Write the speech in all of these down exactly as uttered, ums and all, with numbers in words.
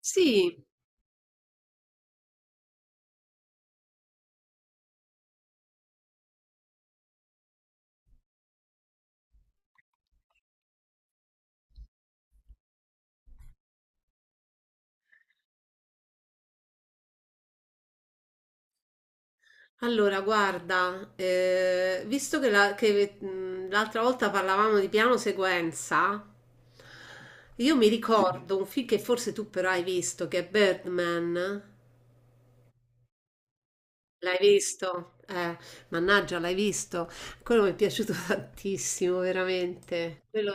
Sì, allora guarda, eh, visto che la- che, mh, l'altra volta parlavamo di piano sequenza, io mi ricordo un film che forse tu però hai visto, che è Birdman. L'hai visto? Eh, mannaggia, l'hai visto. Quello mi è piaciuto tantissimo, veramente. Quello...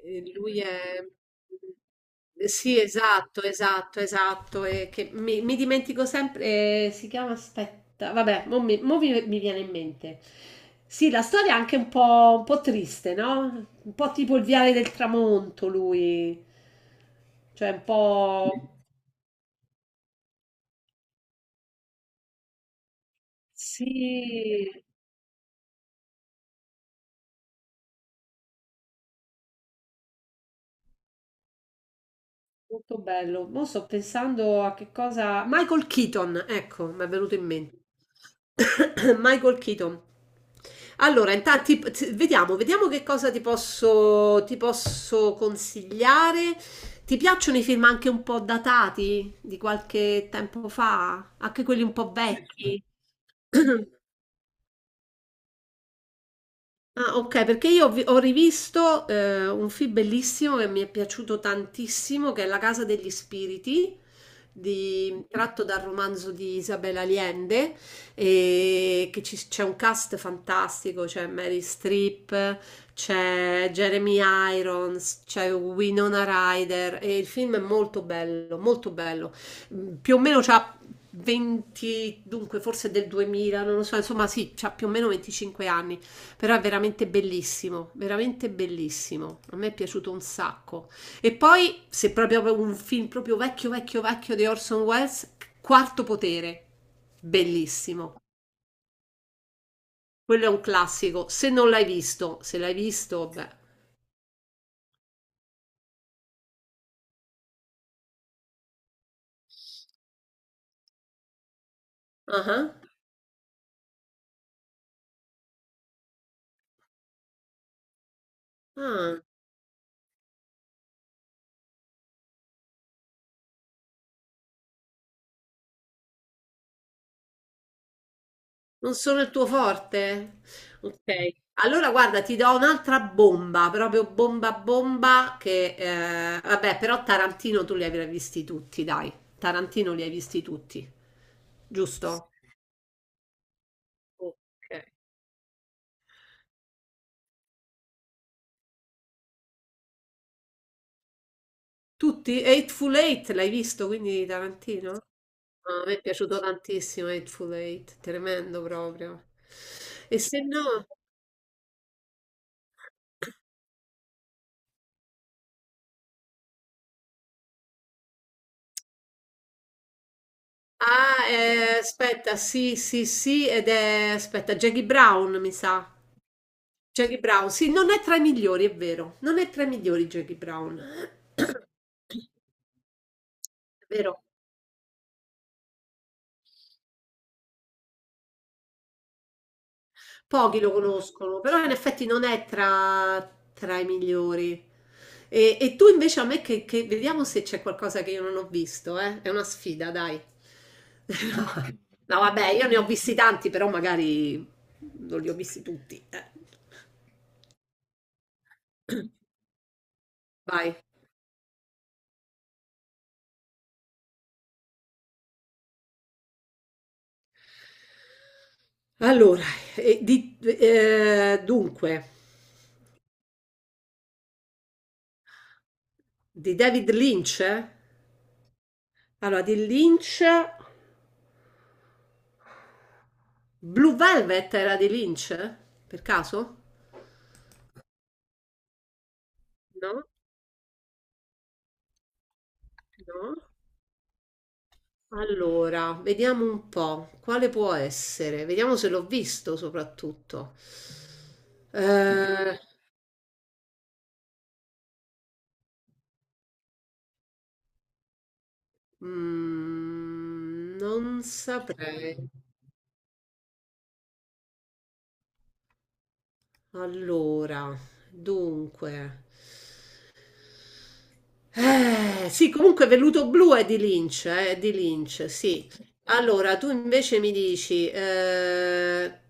E lui è... mh, Sì, esatto, esatto, esatto. E che mi, mi dimentico sempre. Eh, si chiama, aspetta, vabbè, mo mi, mo mi- mi viene in mente. Sì, la storia è anche un po', un po' triste, no? Un po' tipo il viale del tramonto, lui. Cioè, un po'... Sì, molto bello. Mo' sto pensando a che cosa... Michael Keaton, ecco, mi è venuto in mente. Michael Keaton. Allora, intanto ti- ti- vediamo, vediamo che cosa ti posso, ti posso consigliare. Ti piacciono i film anche un po' datati, di qualche tempo fa? Anche quelli un po' vecchi? Ah, ok, perché io vi- ho rivisto eh, un film bellissimo che mi è piaciuto tantissimo, che è La Casa degli Spiriti, di- tratto dal romanzo di Isabel Allende, e che ci- c'è un cast fantastico, c'è Mary Streep, c'è Jeremy Irons, c'è Winona Ryder, e il film è molto bello, molto bello. Mm, più o meno c'ha venti, dunque forse del duemila, non lo so, insomma sì, c'ha più o meno venticinque anni però è veramente bellissimo, veramente bellissimo. A me è piaciuto un sacco. E poi, se proprio un film proprio vecchio, vecchio, vecchio di Orson Welles, Quarto Potere, bellissimo. Quello è un classico. Se non l'hai visto, se l'hai visto, beh. Ah, ah. Non sono il tuo forte? Ok. Allora guarda, ti do un'altra bomba, proprio bomba bomba che eh, vabbè, però Tarantino tu li avrai visti tutti, dai. Tarantino li hai visti tutti. Giusto? Ok. Tutti? Eightful Eight l'hai visto, quindi Tarantino? No, a me è piaciuto tantissimo Eightful Eight, tremendo proprio. E se no ah, eh, aspetta, sì, sì, sì, ed è aspetta, Jackie Brown, mi sa. Jackie Brown, sì, non è tra i migliori, è vero, non è tra i migliori Jackie Brown, è vero, pochi lo conoscono, però in effetti non è tra, tra i migliori. E, e tu invece a me che, che- vediamo se c'è qualcosa che io non ho visto, eh? È una sfida, dai. No, vabbè, io ne ho visti tanti, però magari non li ho visti tutti. eh. Vai. Allora, eh, di- eh, dunque, di David Lynch? Eh? Allora, di Lynch, Blue Velvet era di Lynch? Per caso? No? No? Allora, vediamo un po', quale può essere? Vediamo se l'ho visto soprattutto. Eh, mm, Non saprei. Allora, dunque. Eh, sì, comunque Velluto Blu è di Lynch, eh, è di Lynch, sì. Allora, tu invece mi dici, eh,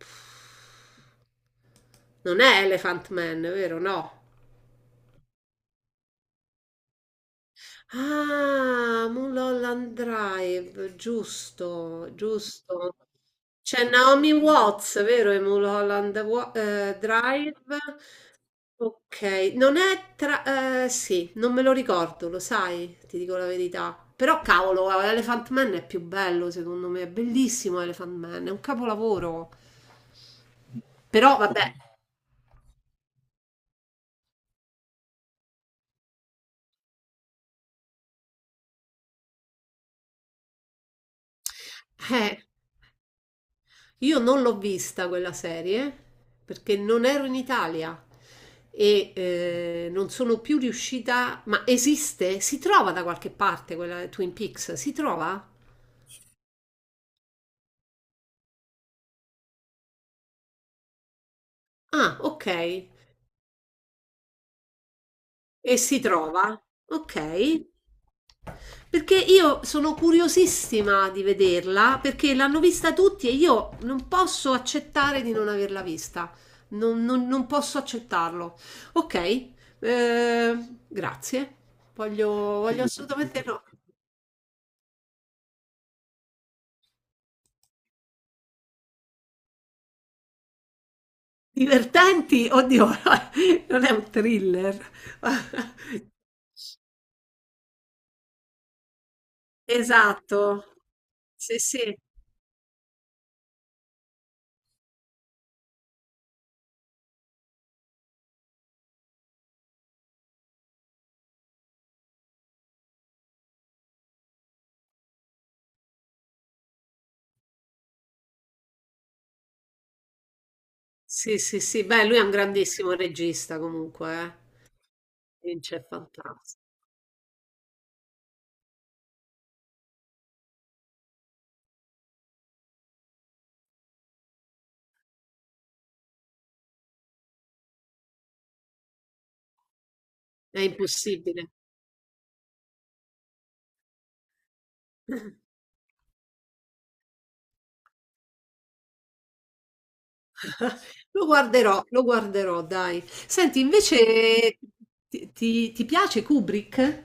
non è Elephant Man, vero? No. Ah, Mulholland Drive, giusto, giusto. C'è Naomi Watts, vero? E Mulholland Wa- eh, Drive. Ok, non è tra... eh, sì, non me lo ricordo, lo sai, ti dico la verità. Però cavolo, Elephant Man è più bello, secondo me, è bellissimo Elephant Man, è un capolavoro. Però vabbè, eh, io non l'ho vista quella serie perché non ero in Italia e eh, non sono più riuscita... Ma esiste? Si trova da qualche parte quella Twin Peaks? Si trova? Ah, ok. E si trova? Ok. Perché io sono curiosissima di vederla, perché l'hanno vista tutti e io non posso accettare di non averla vista. Non, non- non posso accettarlo. Ok, eh, grazie. Voglio, voglio assolutamente no. Divertenti? Oddio, non è un thriller. Esatto. Sì, sì, sì, sì, sì. Beh, lui è un grandissimo regista comunque, eh. Non c'è fantas è impossibile. Lo guarderò, lo guarderò, dai. Senti, invece ti, ti- ti piace Kubrick?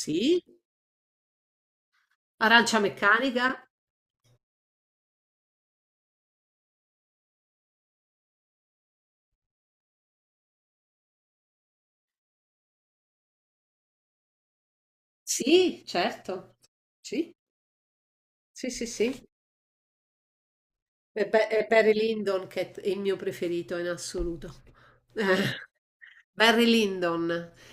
Sì. Arancia meccanica? Sì, certo. Sì, sì, sì, sì. E, Pe- e Barry Lyndon che è il mio preferito in assoluto. Barry Lyndon.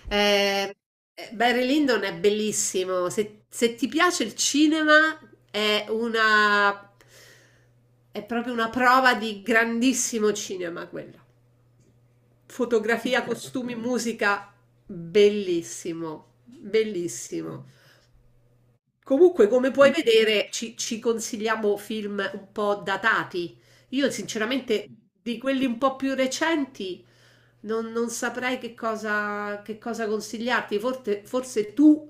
Eh, eh, Barry Lyndon è bellissimo. Se, se ti piace il cinema, è una, è proprio una prova di grandissimo cinema quello. Fotografia, costumi, musica, bellissimo, bellissimo. Comunque, come puoi vedere, ci, ci consigliamo film un po' datati. Io, sinceramente, di quelli un po' più recenti. Non, non saprei che cosa, che cosa consigliarti. Forse, forse tu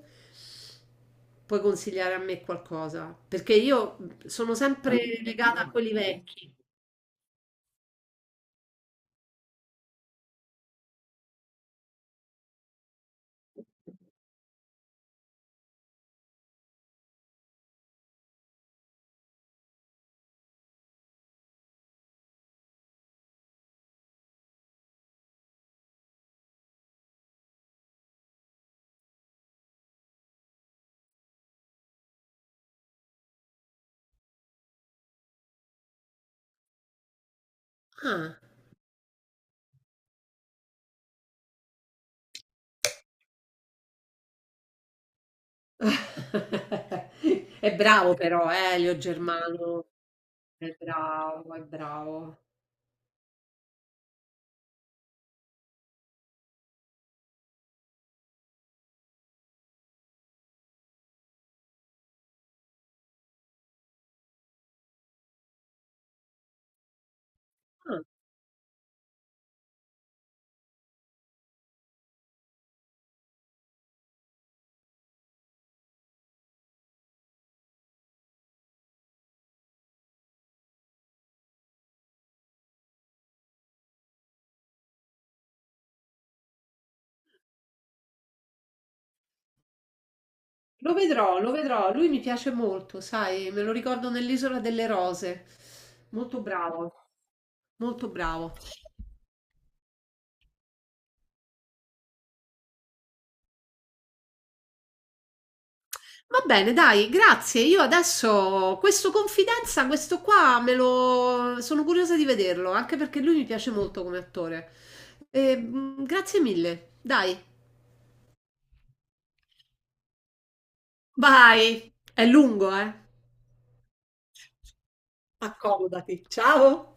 puoi consigliare a me qualcosa, perché io sono sempre legata a quelli vecchi. Ah. È bravo però, eh, Elio Germano. È bravo, è bravo. Ah, lo vedrò, lo vedrò. Lui mi piace molto, sai, me lo ricordo nell'Isola delle Rose. Molto bravo, molto bravo. Va bene, dai, grazie. Io adesso questo Confidenza, questo qua me lo sono curiosa di vederlo, anche perché lui mi piace molto come attore. E, mm, grazie mille. Dai, vai. È lungo, eh. Accomodati. Ciao!